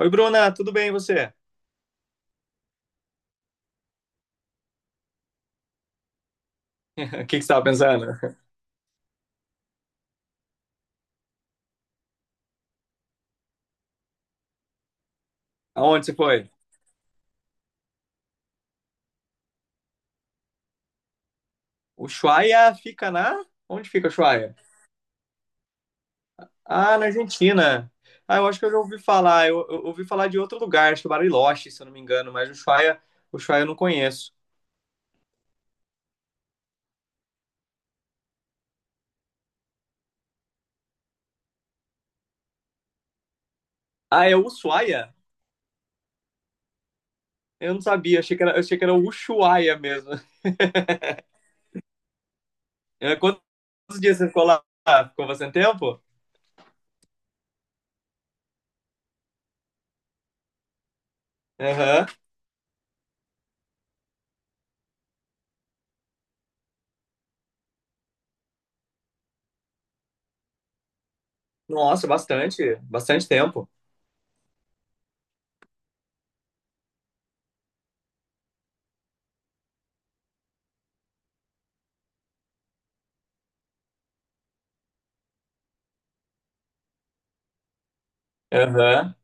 Oi, Bruna, tudo bem e você? O que que você estava pensando? Aonde você foi? O Ushuaia fica na? Onde fica o Ushuaia? Ah, na Argentina. Ah, eu acho que eu já ouvi falar. Eu ouvi falar de outro lugar, acho que é Bariloche, se eu não me engano, mas o Ushuaia eu não conheço. Ah, é o Ushuaia? Eu não sabia, achei que era o Ushuaia mesmo. É, quantos dias você ficou lá? Ficou bastante tempo? Aham. Nossa, bastante tempo. Aham.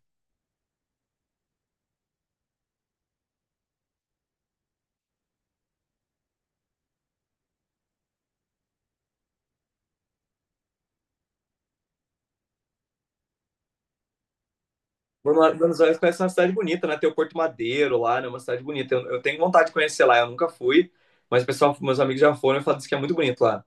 Buenos Aires parece uma cidade bonita, né? Tem o Porto Madeiro lá, né? Uma cidade bonita. Eu tenho vontade de conhecer lá, eu nunca fui, mas o pessoal, meus amigos já foram e falaram que é muito bonito lá.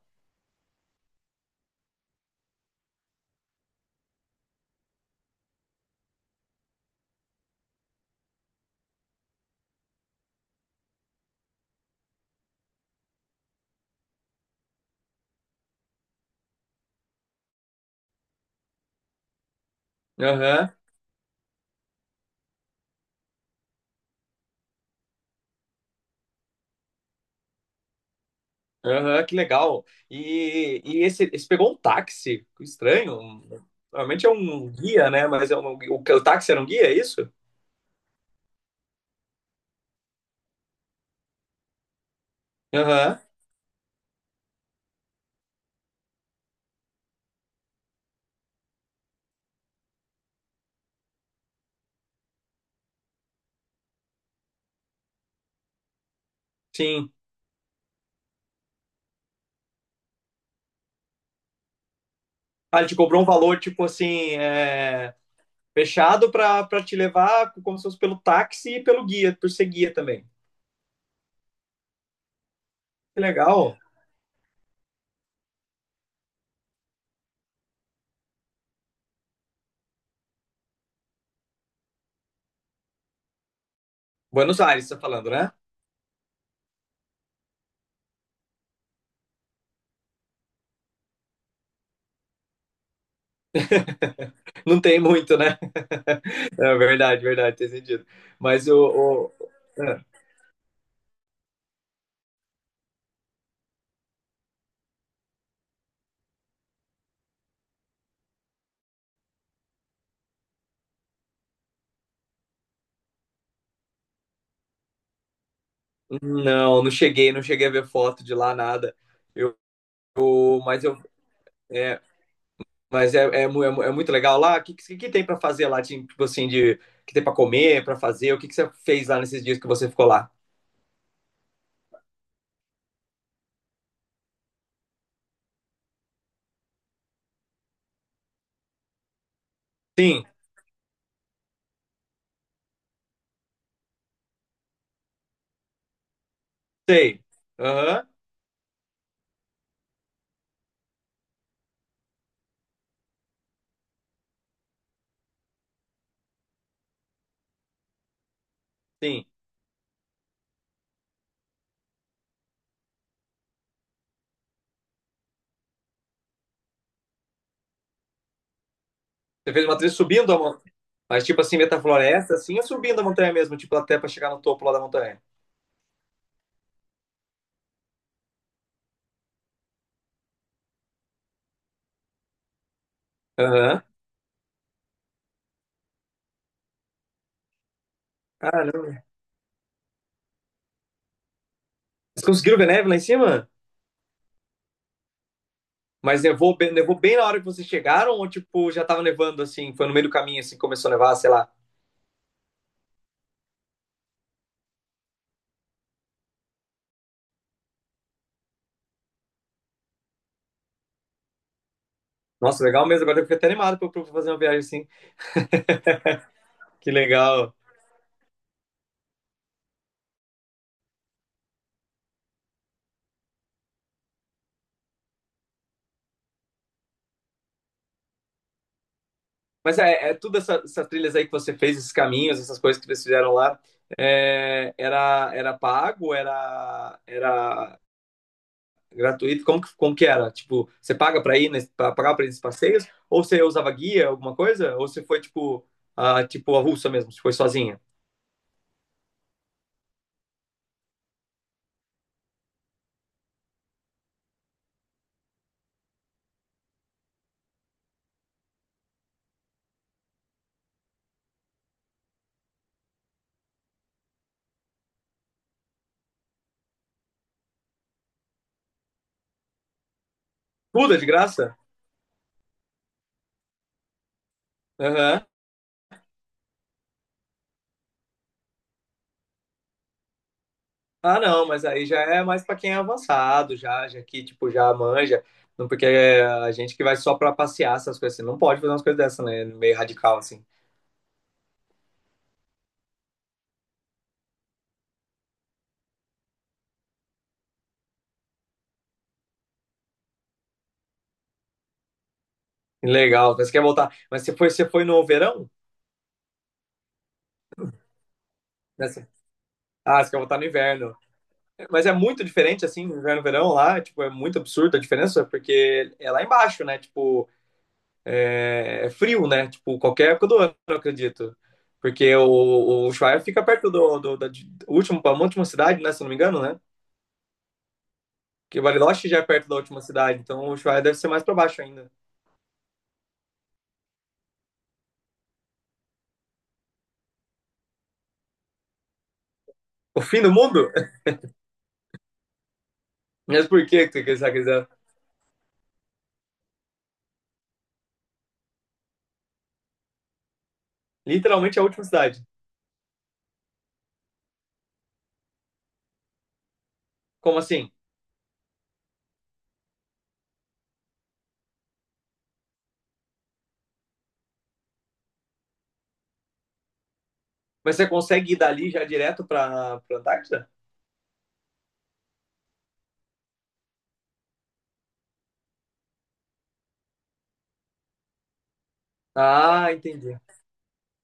Aham, aham, que legal. E, esse pegou um táxi, que estranho. Normalmente é um guia, né? Mas é o táxi era um guia, é isso? Aham, sim. Ah, ele te cobrou um valor, tipo assim, é, fechado pra, pra te levar como se fosse pelo táxi e pelo guia, por ser guia também. Que legal. Buenos Aires, você tá falando, né? Não tem muito, né? É verdade, verdade, tem sentido. Mas o- é, não, não cheguei a ver foto de lá, nada. Eu, mas eu, é, mas é, é, mu- é mu- é muito legal lá. O que, que tem para fazer lá, tipo assim, de que tem para comer, para fazer? O que, que você fez lá nesses dias que você ficou lá? Sim, sei. Aham, sim. Você fez uma trilha subindo a montanha, mas tipo assim, metafloresta, assim, ou subindo a montanha mesmo, tipo até para chegar no topo lá da montanha? Aham. Caramba. Vocês conseguiram ver neve lá em cima? Mas nevou bem na hora que vocês chegaram ou, tipo, já tava nevando, assim? Foi no meio do caminho, assim, começou a nevar, sei lá. Nossa, legal mesmo. Agora eu fiquei até animado pra fazer uma viagem assim. Que legal. Mas é, é tudo essa, essas trilhas aí que você fez, esses caminhos, essas coisas que vocês fizeram lá. É, era pago? Era gratuito? Como que era? Tipo, você paga pra ir, nesse, pra pagar pra ir nesses passeios? Ou você usava guia, alguma coisa? Ou você foi, tipo, a russa mesmo? Você foi sozinha? Tudo é de graça? Aham. Ah, não, mas aí já é mais para quem é avançado, já que, tipo, já manja. Não, porque é a gente que vai só para passear essas coisas, você não pode fazer umas coisas dessas, né? Meio radical, assim. Legal, mas você quer voltar. Mas você foi no verão? Nessa- Ah, você quer voltar no inverno. Mas é muito diferente, assim, inverno, e verão lá, tipo, é muito absurda a diferença, porque é lá embaixo, né? Tipo, é, é frio, né? Tipo, qualquer época do ano, eu acredito. Porque o Ushuaia fica perto da último, a última cidade, né? Se eu não me engano, né? Porque Bariloche já é perto da última cidade, então o Ushuaia deve ser mais para baixo ainda. O fim do mundo? Mas por que que você quiser? Literalmente é a última cidade. Como assim? Mas você consegue ir dali já direto para Antártida? Ah, entendi.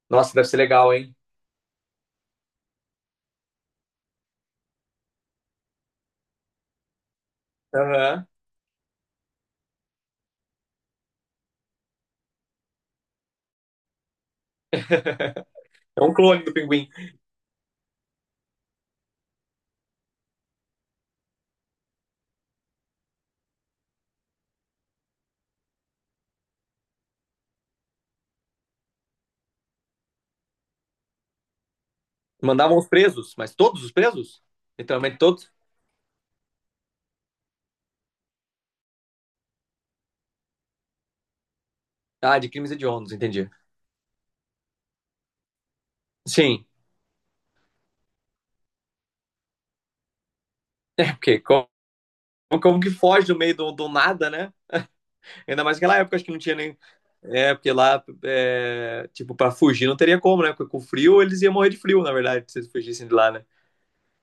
Nossa, deve ser legal, hein? Aham. É um clone do pinguim. Mandavam os presos, mas todos os presos? Literalmente todos? Ah, de crimes hediondos, entendi. Sim. É porque como que foge do meio do nada, né? Ainda mais naquela época, acho que não tinha nem. É, porque lá, é, tipo, pra fugir não teria como, né? Porque com frio eles iam morrer de frio, na verdade, se eles fugissem de lá, né?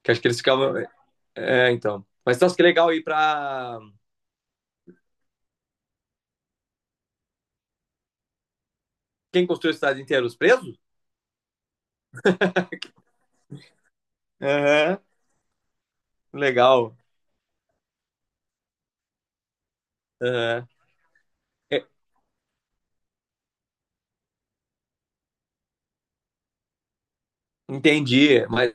Que acho que eles ficavam. É, então. Mas nossa, que legal ir pra. Quem construiu a cidade inteira? Os presos? Aham, legal. Aham. É, entendi. Mas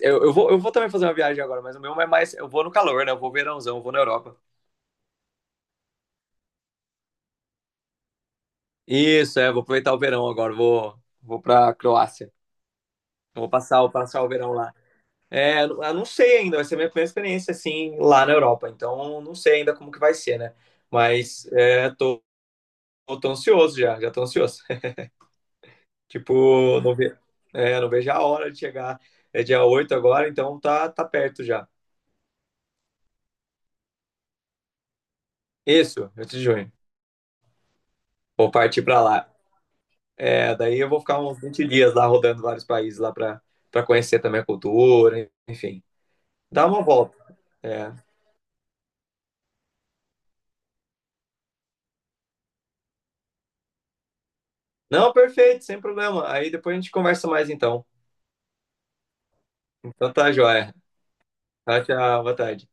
eu vou também fazer uma viagem agora, mas o meu é mais. Eu vou no calor, né? Eu vou verãozão, eu vou na Europa. Isso, é, vou aproveitar o verão agora, vou pra Croácia. Vou passar o verão lá. É, eu não sei ainda, vai ser a minha primeira experiência assim lá na Europa, então não sei ainda como que vai ser, né? Mas tô ansioso já, já tô ansioso. Tipo, não ve, não vejo a hora de chegar. É dia 8 agora, então tá perto já. Isso, 8 de junho. Vou partir pra lá. É, daí eu vou ficar uns 20 dias lá rodando vários países lá pra, pra conhecer também a cultura, enfim. Dá uma volta. É. Não, perfeito, sem problema. Aí depois a gente conversa mais então. Então tá, joia. Tchau, tchau, boa tarde.